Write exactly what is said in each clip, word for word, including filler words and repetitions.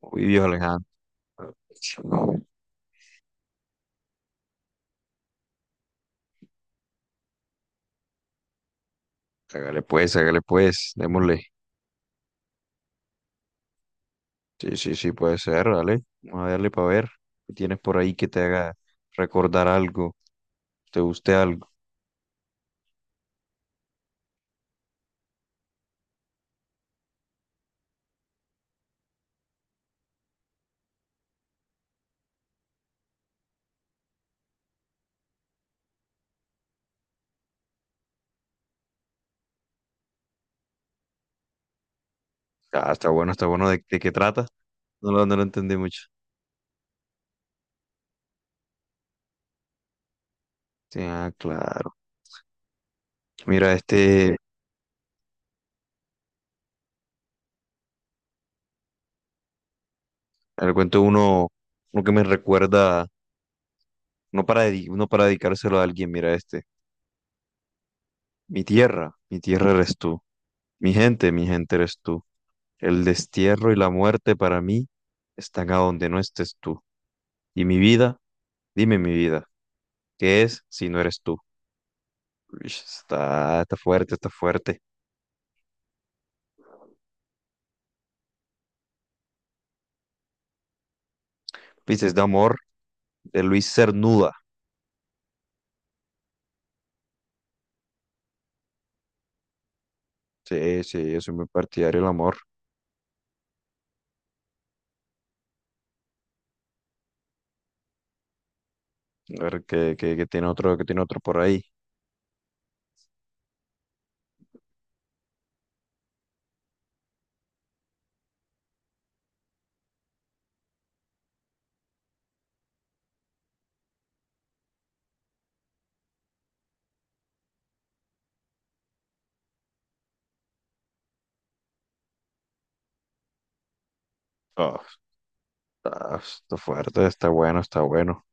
Uy, Dios, Alejandro. Hágale pues, hágale pues, démosle. Sí, sí, sí, puede ser, dale. Vamos a darle para ver. ¿Qué tienes por ahí que te haga recordar algo? ¿Te guste algo? Ah, está bueno, está bueno. ¿De, de qué trata? No lo, no lo entendí mucho. Sí, ah, claro. Mira, este, le cuento uno, uno que me recuerda, no para, dedi- no para dedicárselo a alguien, mira este. Mi tierra, mi tierra eres tú. Mi gente, mi gente eres tú. El destierro y la muerte para mí están a donde no estés tú. Y mi vida, dime mi vida, ¿qué es si no eres tú? Uish, está, está fuerte, está fuerte. Dices de amor de Luis Cernuda. Sí, sí, yo soy muy partidario del amor. A ver qué, qué- qué tiene otro, qué tiene otro por ahí. Ah, está, está fuerte, está bueno, está bueno.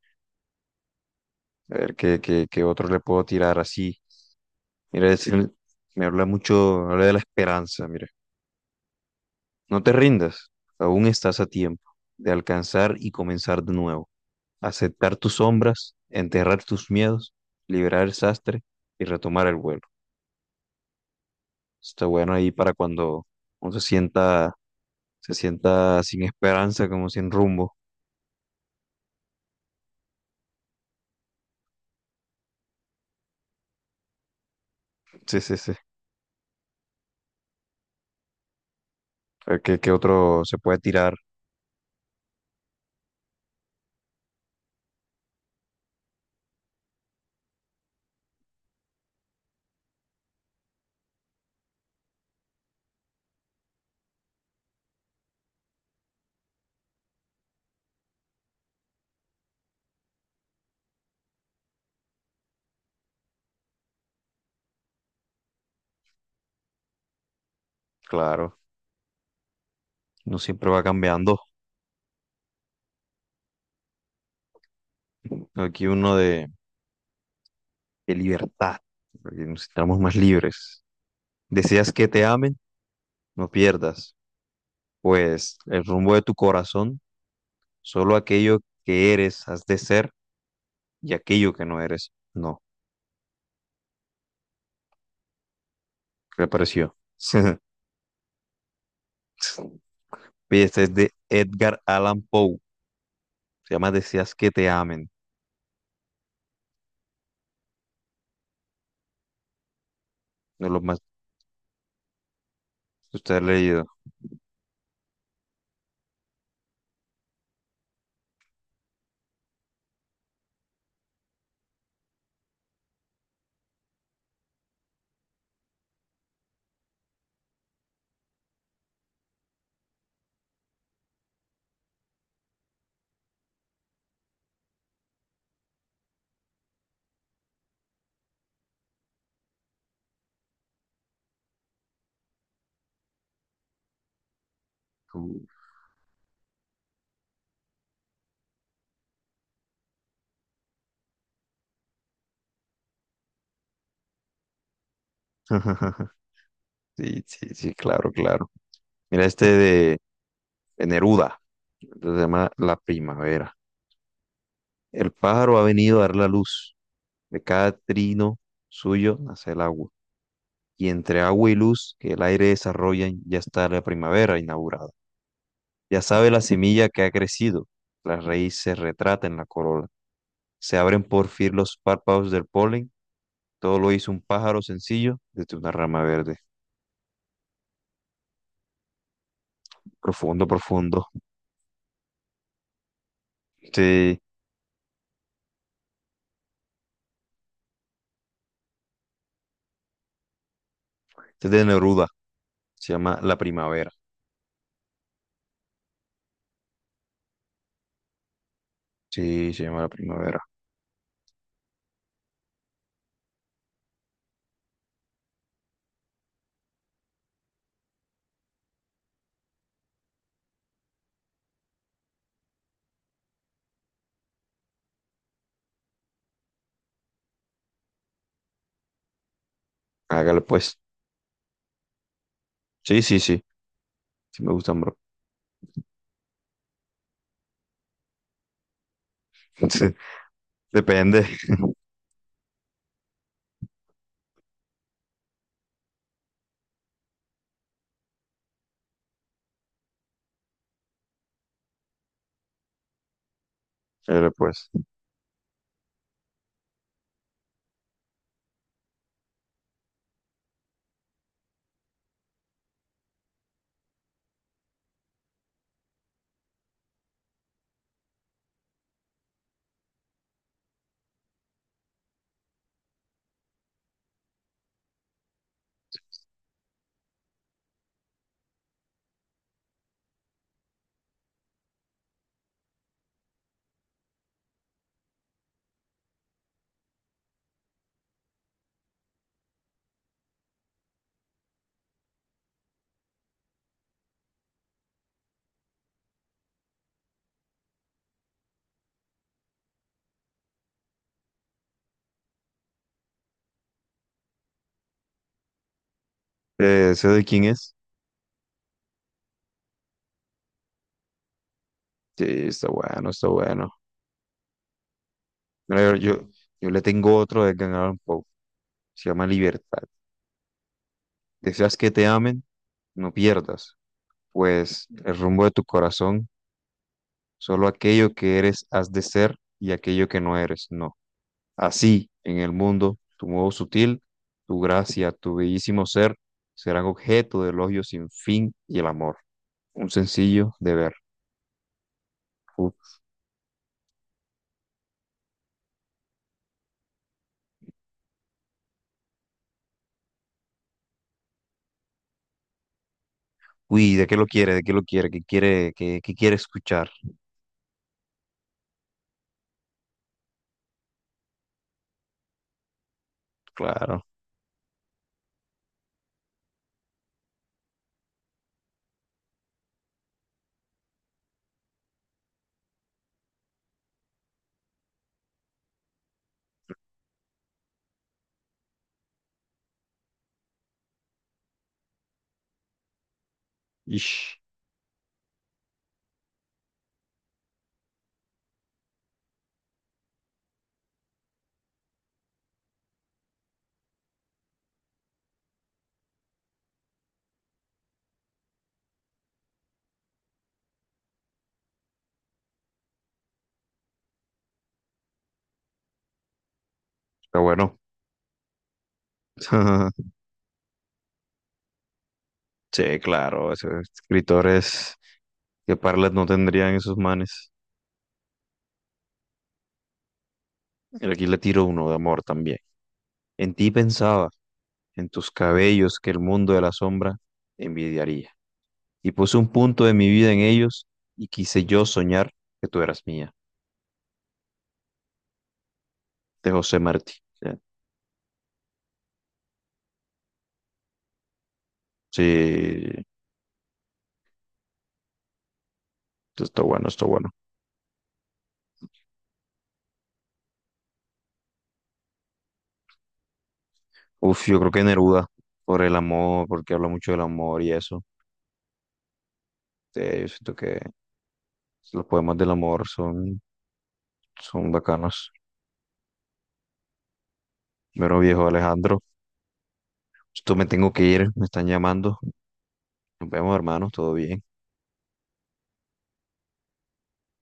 A ver, ¿qué, qué, qué otro le puedo tirar así? Mira, es el- me habla mucho, habla de la esperanza, mira. No te rindas, aún estás a tiempo de alcanzar y comenzar de nuevo. Aceptar tus sombras, enterrar tus miedos, liberar el sastre y retomar el vuelo. Está bueno ahí para cuando uno se sienta, se sienta sin esperanza, como sin rumbo. Sí, sí, sí. A ver, ¿qué, qué otro se puede tirar? Claro, no siempre va cambiando. Aquí uno de... de libertad, porque nos sintamos más libres. Deseas que te amen, no pierdas, pues el rumbo de tu corazón, solo aquello que eres has de ser y aquello que no eres, no. ¿Qué le pareció? Oye, este es de Edgar Allan Poe, se llama Deseas que te amen, de lo más que usted ha leído. Uh. Sí, sí, sí, claro, claro. Mira este de, de Neruda, se llama La primavera. El pájaro ha venido a dar la luz. De cada trino suyo nace el agua, y entre agua y luz que el aire desarrollan ya está la primavera inaugurada. Ya sabe la semilla que ha crecido, la raíz se retrata en la corola, se abren por fin los párpados del polen, todo lo hizo un pájaro sencillo desde una rama verde. Profundo, profundo. Este, este es de Neruda, se llama La Primavera. Sí, se llama La Primavera. Hágale pues. Sí, sí, sí, sí me gustan, bro. Depende. Pero pues, eh, ¿eso de quién es? Sí, está bueno, está bueno. Mira, yo, yo, yo le tengo otro de Gangnam Pop, se llama Libertad. Deseas que te amen, no pierdas, pues el rumbo de tu corazón, solo aquello que eres has de ser y aquello que no eres, no. Así, en el mundo, tu modo sutil, tu gracia, tu bellísimo ser, serán objeto de elogio sin fin y el amor. Un sencillo deber. Uf. Uy, ¿de qué lo quiere? ¿De qué lo quiere? ¿Qué quiere, qué, qué quiere escuchar? Claro. Ish, está bueno. Sí, claro, esos escritores que Parlet no tendrían esos manes. Pero aquí le tiro uno de amor también. En ti pensaba, en tus cabellos que el mundo de la sombra envidiaría. Y puse un punto de mi vida en ellos y quise yo soñar que tú eras mía. De José Martí. Ya. Sí, esto está bueno, esto está bueno. Uf, yo creo que Neruda, por el amor, porque habla mucho del amor y eso. Sí, yo siento que los poemas del amor son, son bacanos. Mero viejo Alejandro. Esto me tengo que ir, me están llamando. Nos vemos, hermanos, todo bien.